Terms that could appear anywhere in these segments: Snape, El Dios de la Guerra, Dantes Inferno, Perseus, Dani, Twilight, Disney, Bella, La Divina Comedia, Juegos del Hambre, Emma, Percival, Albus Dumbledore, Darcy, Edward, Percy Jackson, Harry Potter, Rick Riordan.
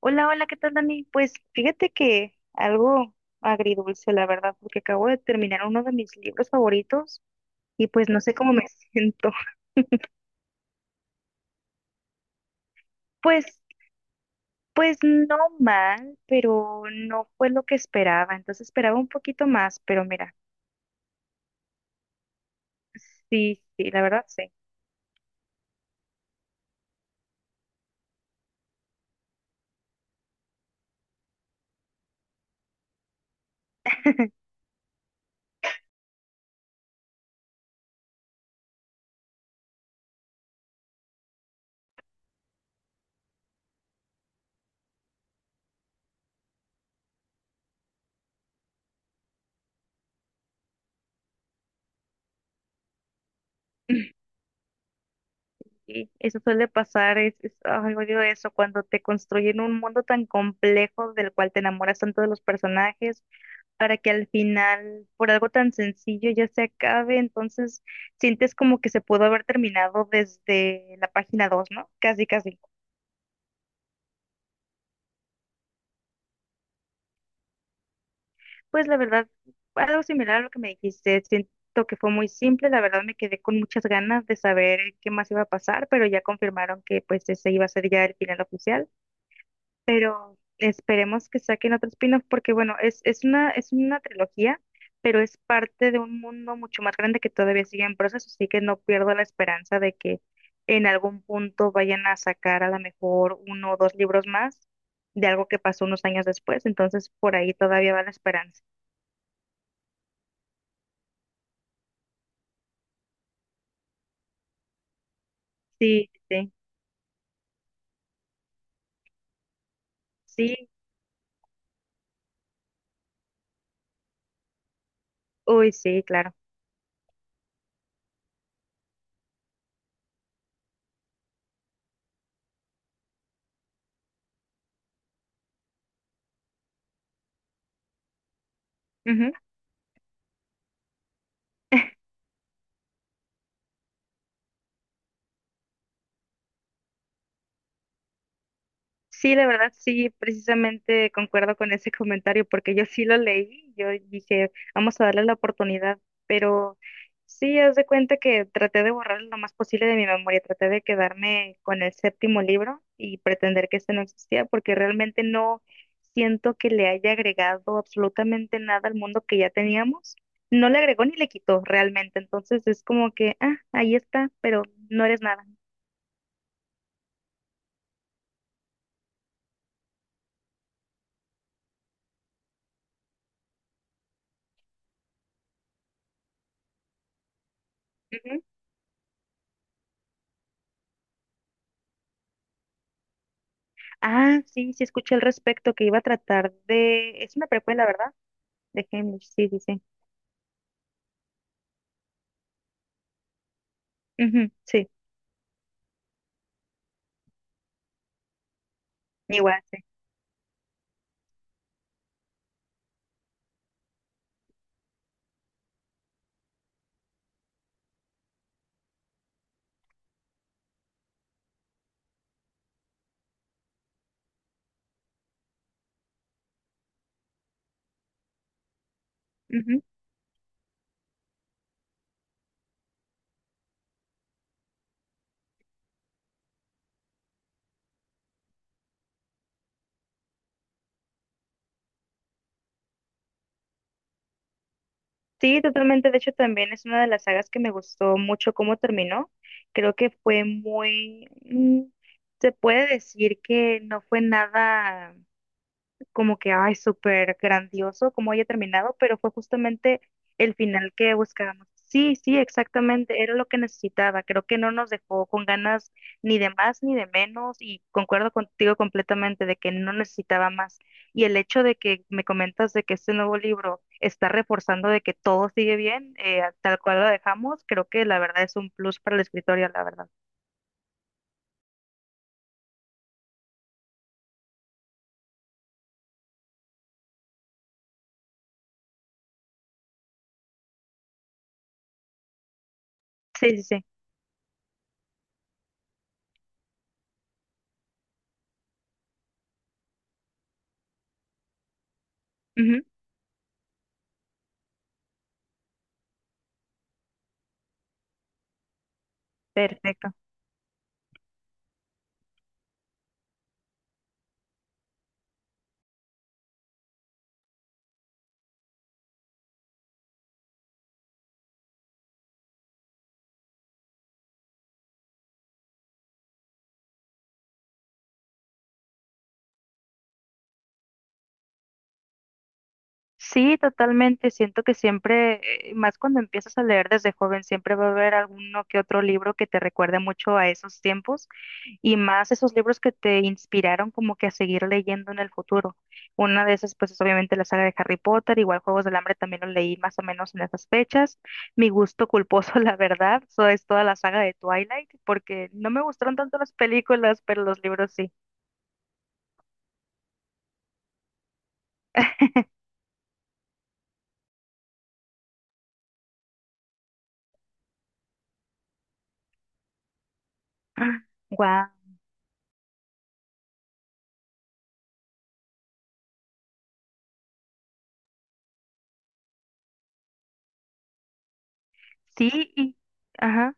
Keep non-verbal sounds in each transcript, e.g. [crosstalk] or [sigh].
Hola, hola, ¿qué tal, Dani? Pues fíjate que algo agridulce, la verdad, porque acabo de terminar uno de mis libros favoritos y pues no sé cómo me [laughs] siento. Pues, pues no mal, pero no fue lo que esperaba. Entonces esperaba un poquito más, pero mira, sí, sí, la verdad sí. [laughs] Sí, eso suele pasar, ay, odio eso, cuando te construyen un mundo tan complejo del cual te enamoras tanto de los personajes para que al final, por algo tan sencillo, ya se acabe. Entonces, sientes como que se pudo haber terminado desde la página dos, ¿no? Casi, casi. Pues la verdad, algo similar a lo que me dijiste, siento que fue muy simple, la verdad me quedé con muchas ganas de saber qué más iba a pasar, pero ya confirmaron que pues ese iba a ser ya el final oficial. Pero esperemos que saquen otro spin-off porque bueno, es una trilogía, pero es parte de un mundo mucho más grande que todavía sigue en proceso, así que no pierdo la esperanza de que en algún punto vayan a sacar a lo mejor uno o dos libros más de algo que pasó unos años después, entonces por ahí todavía va la esperanza. Sí, sí, sí, uy, sí, claro. Sí, de verdad, sí, precisamente concuerdo con ese [laughs] comentario porque yo sí lo leí, yo dije, vamos a darle la oportunidad, pero sí, haz de cuenta que traté de borrar lo más posible de mi memoria, traté de quedarme con el séptimo libro y pretender que este no existía porque realmente no siento que le haya agregado absolutamente nada al mundo que ya teníamos, no le agregó ni le quitó realmente, entonces es como que, ah, ahí está, pero no eres nada. Ah, sí, sí escuché al respecto que iba a tratar de... Es una precuela, ¿verdad? De Hamish, sí, sí, sí. Ujú, sí, igual, sí. Ujú. Sí, totalmente. De hecho, también es una de las sagas que me gustó mucho cómo terminó. Creo que fue muy... se puede decir que no fue nada... como que, ay, súper grandioso cómo haya terminado, pero fue justamente el final que buscábamos. Sí, sí, exactamente, era lo que necesitaba. Creo que no nos dejó con ganas ni de más ni de menos y concuerdo contigo completamente de que no necesitaba más. Y el hecho de que me comentas de que este nuevo libro está reforzando de que todo sigue bien, tal cual lo dejamos, creo que la verdad es un plus para la escritoria la verdad. Sí, sí, sí. Ujú. Perfecto. Sí, totalmente. Siento que siempre, más cuando empiezas a leer desde joven, siempre va a haber alguno que otro libro que te recuerde mucho a esos tiempos y más esos libros que te inspiraron como que a seguir leyendo en el futuro. Una de esas, pues es obviamente la saga de Harry Potter, igual Juegos del Hambre también lo leí más o menos en esas fechas. Mi gusto culposo, [laughs] la verdad, so es toda la saga de Twilight, porque no me gustaron tanto las películas, pero los libros sí. [laughs] Guau. Sí, y... ajá.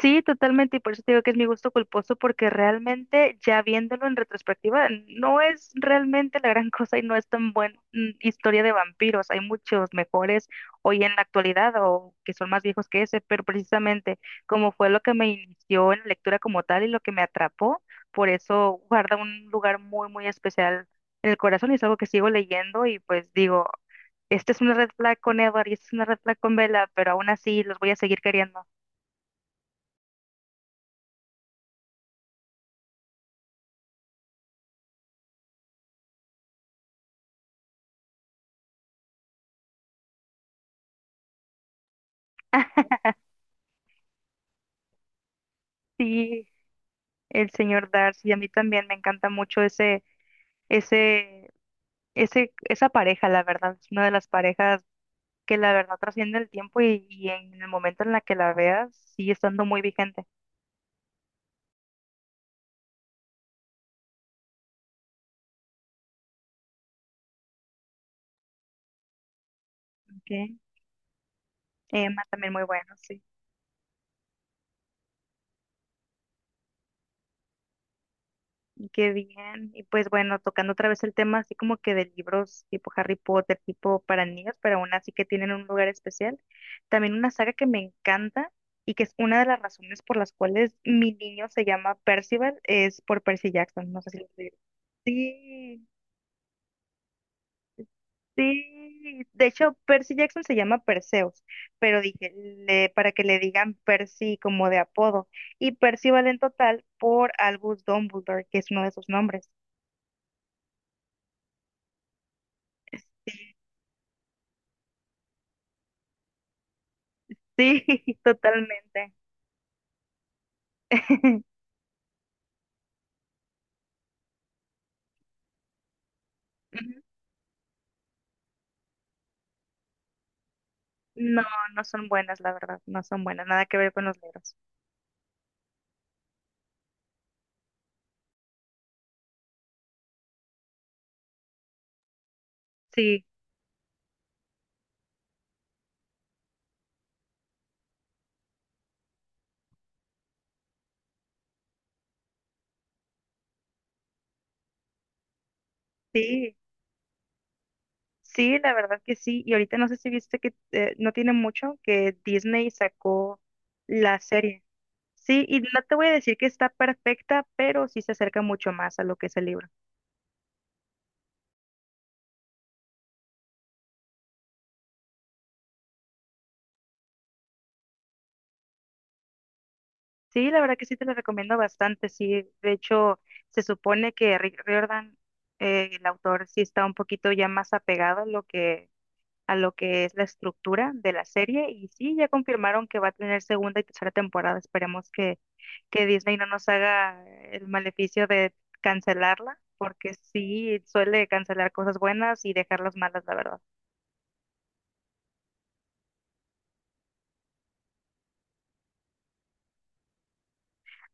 Sí, totalmente, y por eso te digo que es mi gusto culposo, porque realmente ya viéndolo en retrospectiva, no es realmente la gran [laughs] cosa y no es tan buena historia de vampiros. Hay muchos mejores hoy en la actualidad o que son más viejos que ese, pero precisamente como fue lo que me inició en la lectura como tal y lo que me atrapó, por eso guarda un lugar muy, muy especial en el corazón y es algo que sigo leyendo y pues digo, esta es una red flag con Edward y esta es una red flag con Bella, pero aún así los voy a seguir queriendo. Sí, el señor Darcy. A mí también me encanta mucho ese, esa pareja, la verdad. Es una de las parejas que la verdad trasciende el tiempo y en el momento en la que la veas sigue estando muy vigente. Okay. Emma también muy bueno, sí. Qué bien. Y pues bueno, tocando otra vez el tema así como que de libros tipo Harry Potter, tipo para niños, pero aún así que tienen un lugar especial. También una saga que me encanta y que es una de las razones por las cuales mi niño se llama Percival, es por Percy Jackson. No sé si lo. Sí, sí. De hecho, Percy Jackson se llama Perseus, pero dije, para que le digan Percy como de apodo. Y Percy vale en total por Albus Dumbledore, que es uno de sus nombres. Sí, [laughs] totalmente. [laughs] Ujú. No, no son buenas, la verdad, no son buenas, nada que ver con los libros. Sí, sí, sí, la verdad que sí. Y ahorita no sé si viste que no tiene mucho que Disney sacó la serie. Sí, y no te voy a decir que está perfecta, pero sí se acerca mucho más a lo que es el libro. Sí, la verdad que sí te la recomiendo bastante. Sí, de hecho, se supone que Rick Riordan, el autor, sí está un poquito ya más apegado a lo que es la estructura de la serie. Y sí, ya confirmaron que va a tener segunda y tercera temporada. Esperemos que Disney no nos haga el maleficio de cancelarla, porque sí suele cancelar cosas buenas y dejar las malas, la verdad.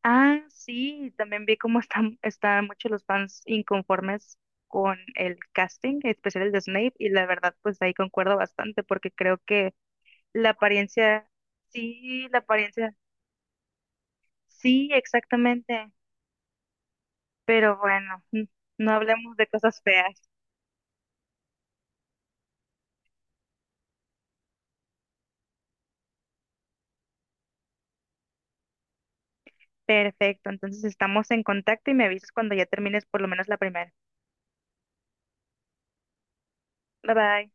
Ah, sí, también vi cómo están muchos los fans inconformes con el casting, en especial el de Snape, y la verdad, pues ahí concuerdo bastante, porque creo que la apariencia, sí, la apariencia, sí, exactamente, pero bueno, no hablemos de cosas feas. Perfecto, entonces estamos en contacto y me avisas cuando ya termines por lo menos la primera. Bye bye.